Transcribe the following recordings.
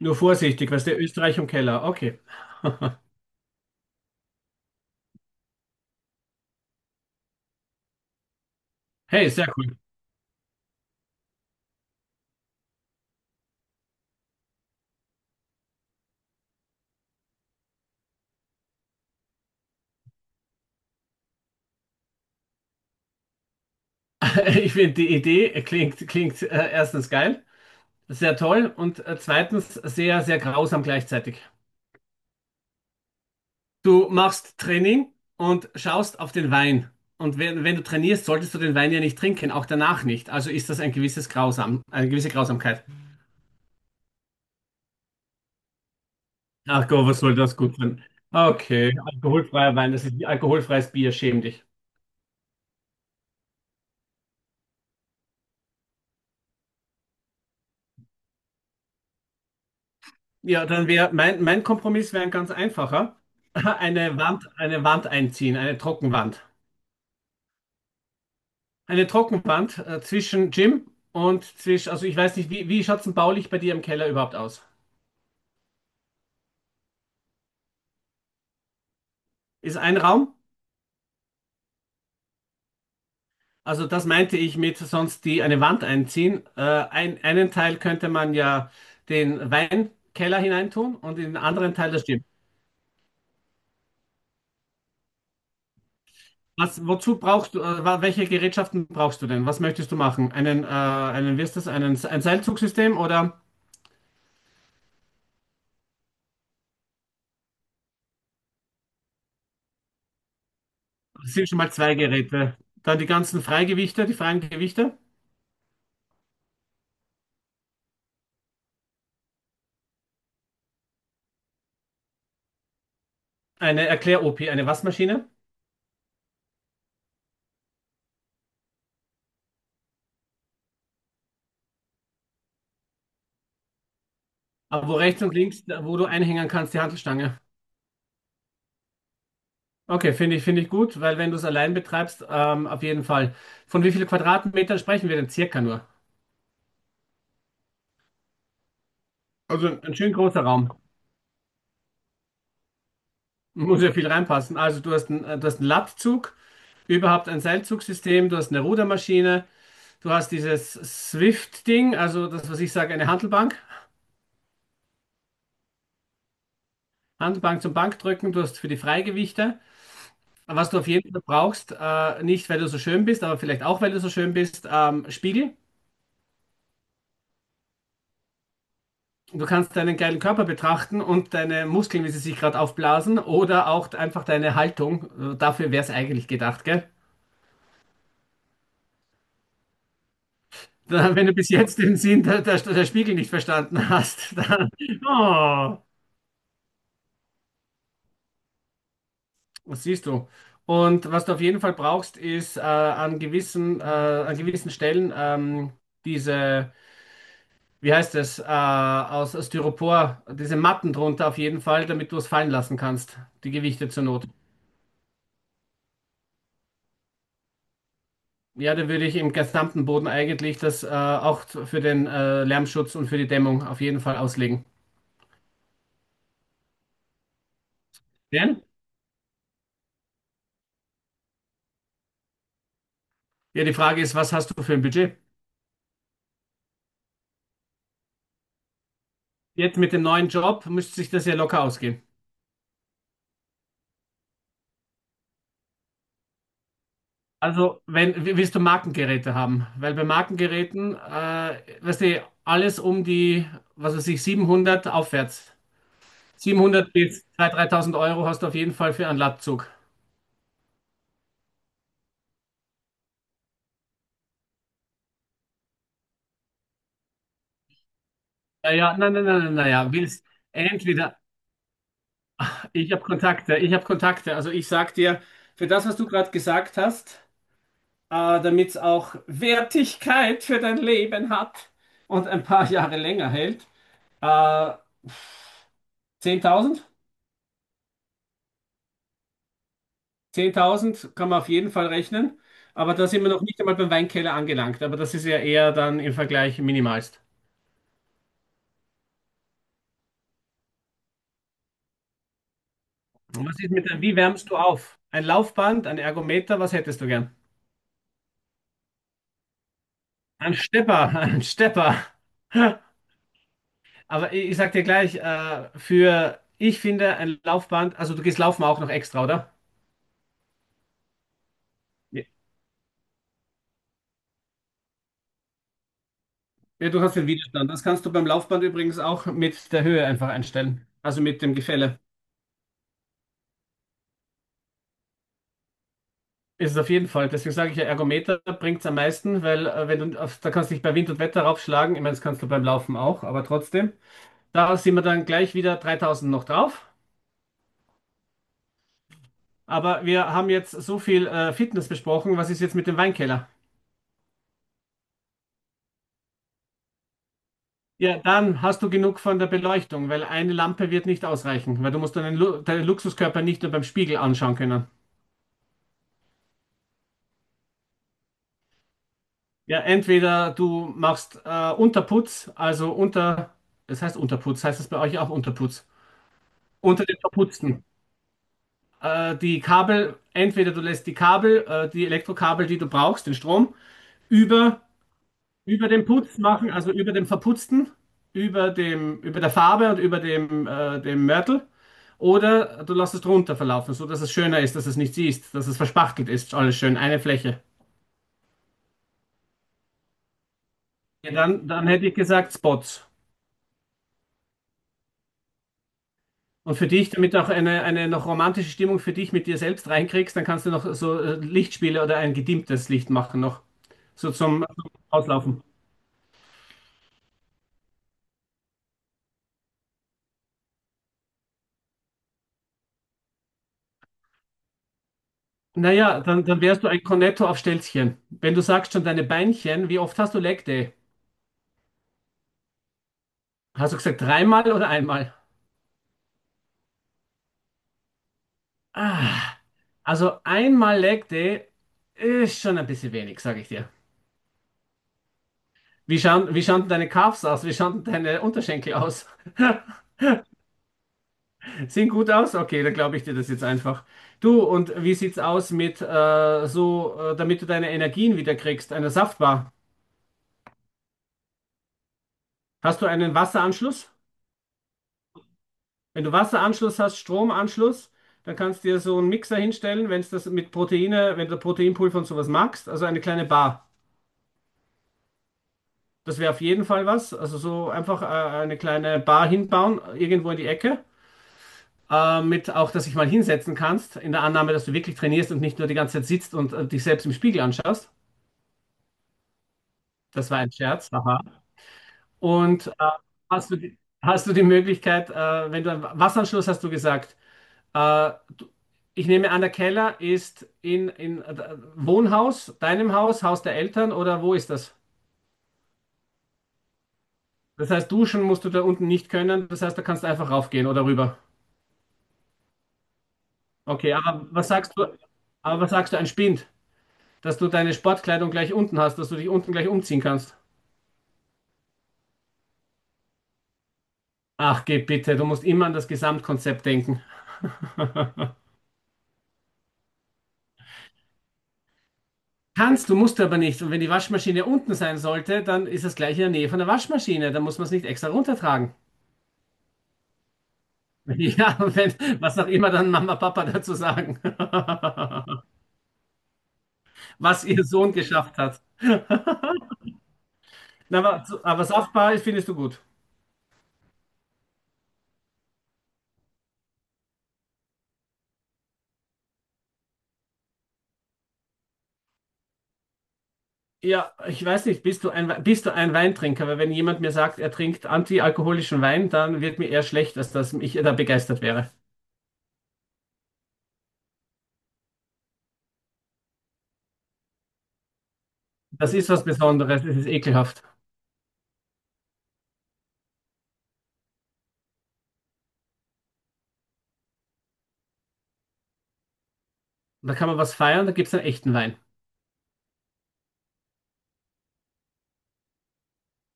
Nur vorsichtig, was der Österreich im Keller. Okay. Hey, sehr cool. Ich finde die Idee klingt erstens geil, sehr toll und zweitens sehr, sehr grausam gleichzeitig. Du machst Training und schaust auf den Wein. Und wenn du trainierst, solltest du den Wein ja nicht trinken, auch danach nicht. Also ist das ein gewisses Grausam, eine gewisse Grausamkeit. Ach Gott, was soll das gut sein? Okay, alkoholfreier Wein, das ist wie alkoholfreies Bier, schäm dich. Ja, dann wäre mein Kompromiss wäre ein ganz einfacher. Eine Wand einziehen, eine Trockenwand. Eine Trockenwand zwischen Gym und zwischen, also ich weiß nicht, wie schaut es denn baulich bei dir im Keller überhaupt aus? Ist ein Raum? Also das meinte ich mit sonst die eine Wand einziehen. Einen Teil könnte man ja den Weinkeller hineintun und in den anderen Teil das Gym. Wozu brauchst du, welche Gerätschaften brauchst du denn? Was möchtest du machen? Wie ist das, ein Seilzugsystem oder? Das sind schon mal zwei Geräte. Dann die ganzen Freigewichte, die freien Gewichte. Eine Erklär-OP, eine Waschmaschine. Aber wo rechts und links, wo du einhängen kannst, die Hantelstange. Okay, finde ich gut, weil wenn du es allein betreibst, auf jeden Fall. Von wie vielen Quadratmetern sprechen wir denn circa nur? Also ein schön großer Raum. Muss ja viel reinpassen. Also du hast einen Latzug, überhaupt ein Seilzugsystem, du hast eine Rudermaschine, du hast dieses Swift-Ding, also das, was ich sage, eine Hantelbank. Handelbank zum Bankdrücken, du hast für die Freigewichte. Was du auf jeden Fall brauchst, nicht weil du so schön bist, aber vielleicht auch weil du so schön bist, Spiegel. Du kannst deinen geilen Körper betrachten und deine Muskeln, wie sie sich gerade aufblasen, oder auch einfach deine Haltung. Dafür wäre es eigentlich gedacht, gell? Da, wenn du bis jetzt den Sinn der Spiegel nicht verstanden hast, dann, oh, was siehst du? Und was du auf jeden Fall brauchst, ist an gewissen Stellen diese, wie heißt es, aus Styropor, diese Matten drunter auf jeden Fall, damit du es fallen lassen kannst, die Gewichte zur Not. Ja, da würde ich im gesamten Boden eigentlich das auch für den Lärmschutz und für die Dämmung auf jeden Fall auslegen. Denn? Ja, die Frage ist, was hast du für ein Budget? Jetzt mit dem neuen Job müsste sich das ja locker ausgehen. Also, wenn, w- willst du Markengeräte haben? Weil bei Markengeräten, weißt du, alles um die, was weiß ich, 700 aufwärts. 700 bis 2.000, 3.000 € hast du auf jeden Fall für einen Latzug. Naja, nein, nein, nein, nein, naja, willst entweder, ich habe Kontakte. Also ich sag dir, für das, was du gerade gesagt hast, damit es auch Wertigkeit für dein Leben hat und ein paar Jahre länger hält, äh, 10.000, 10.000 kann man auf jeden Fall rechnen. Aber da sind wir noch nicht einmal beim Weinkeller angelangt. Aber das ist ja eher dann im Vergleich minimalst. Und was ist mit der, wie wärmst du auf? Ein Laufband, ein Ergometer, was hättest du gern? Ein Stepper, ein Stepper. Aber ich sag dir gleich, für, ich finde ein Laufband, also du gehst laufen auch noch extra, oder? Ja, ja, du hast den Widerstand. Das kannst du beim Laufband übrigens auch mit der Höhe einfach einstellen. Also mit dem Gefälle. Ist es auf jeden Fall. Deswegen sage ich ja, Ergometer bringt es am meisten, weil wenn du, da kannst du dich bei Wind und Wetter raufschlagen. Ich meine, das kannst du beim Laufen auch, aber trotzdem. Da sind wir dann gleich wieder 3.000 noch drauf. Aber wir haben jetzt so viel Fitness besprochen. Was ist jetzt mit dem Weinkeller? Ja, dann hast du genug von der Beleuchtung, weil eine Lampe wird nicht ausreichen, weil du musst deinen Luxuskörper nicht nur beim Spiegel anschauen können. Ja, entweder du machst Unterputz, also unter, das heißt Unterputz, heißt das bei euch auch Unterputz, unter den Verputzten. Die Kabel, entweder du lässt die Kabel, die Elektrokabel, die du brauchst, den Strom, über Über den Putz machen, also über dem Verputzten, über dem, über der Farbe und über dem Mörtel. Oder du lässt es drunter verlaufen, so dass es schöner ist, dass es nicht siehst, dass es verspachtelt ist, alles schön, eine Fläche. Ja, dann hätte ich gesagt Spots. Und für dich, damit du auch eine noch romantische Stimmung für dich mit dir selbst reinkriegst, dann kannst du noch so Lichtspiele oder ein gedimmtes Licht machen noch. So zum Auslaufen. Naja, dann wärst du ein Cornetto auf Stelzchen. Wenn du sagst schon deine Beinchen, wie oft hast du Leg Day? Hast du gesagt dreimal oder einmal? Ah, also einmal Leg Day ist schon ein bisschen wenig, sage ich dir. Wie schauen denn deine Calves aus? Wie schauen denn deine Unterschenkel aus? Sehen gut aus? Okay, dann glaube ich dir das jetzt einfach. Du, und wie sieht's aus mit so, damit du deine Energien wieder kriegst, einer Saftbar? Hast du einen Wasseranschluss? Wenn du Wasseranschluss hast, Stromanschluss, dann kannst du dir so einen Mixer hinstellen, wenn es das mit Proteine, wenn du Proteinpulver und sowas magst, also eine kleine Bar. Das wäre auf jeden Fall was. Also so einfach eine kleine Bar hinbauen, irgendwo in die Ecke. Mit auch, dass dich mal hinsetzen kannst, in der Annahme, dass du wirklich trainierst und nicht nur die ganze Zeit sitzt und dich selbst im Spiegel anschaust. Das war ein Scherz. Aha. Und hast du die, hast du die, Möglichkeit, wenn du einen Wasseranschluss hast du gesagt, äh, du, ich nehme an, der Keller ist in, in Wohnhaus, deinem Haus, Haus der Eltern oder wo ist das? Das heißt, duschen musst du da unten nicht können. Das heißt, da kannst du einfach raufgehen oder rüber. Okay, aber was sagst du, ein Spind, dass du deine Sportkleidung gleich unten hast, dass du dich unten gleich umziehen kannst? Ach, geh bitte, du musst immer an das Gesamtkonzept denken. Kannst, du musst aber nicht. Und wenn die Waschmaschine unten sein sollte, dann ist das gleich in der Nähe von der Waschmaschine. Dann muss man es nicht extra runtertragen. Ja, wenn, was auch immer dann Mama, Papa dazu sagen, was ihr Sohn geschafft hat. Na, aber saftbar ist, findest du gut. Ja, ich weiß nicht, bist du ein, Weintrinker? Weil wenn jemand mir sagt, er trinkt antialkoholischen Wein, dann wird mir eher schlecht, als dass ich da begeistert wäre. Das ist was Besonderes, es ist ekelhaft. Da kann man was feiern, da gibt es einen echten Wein.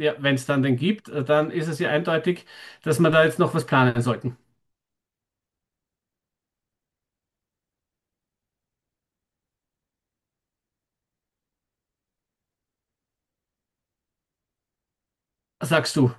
Ja, wenn es dann den gibt, dann ist es ja eindeutig, dass wir da jetzt noch was planen sollten. Sagst du?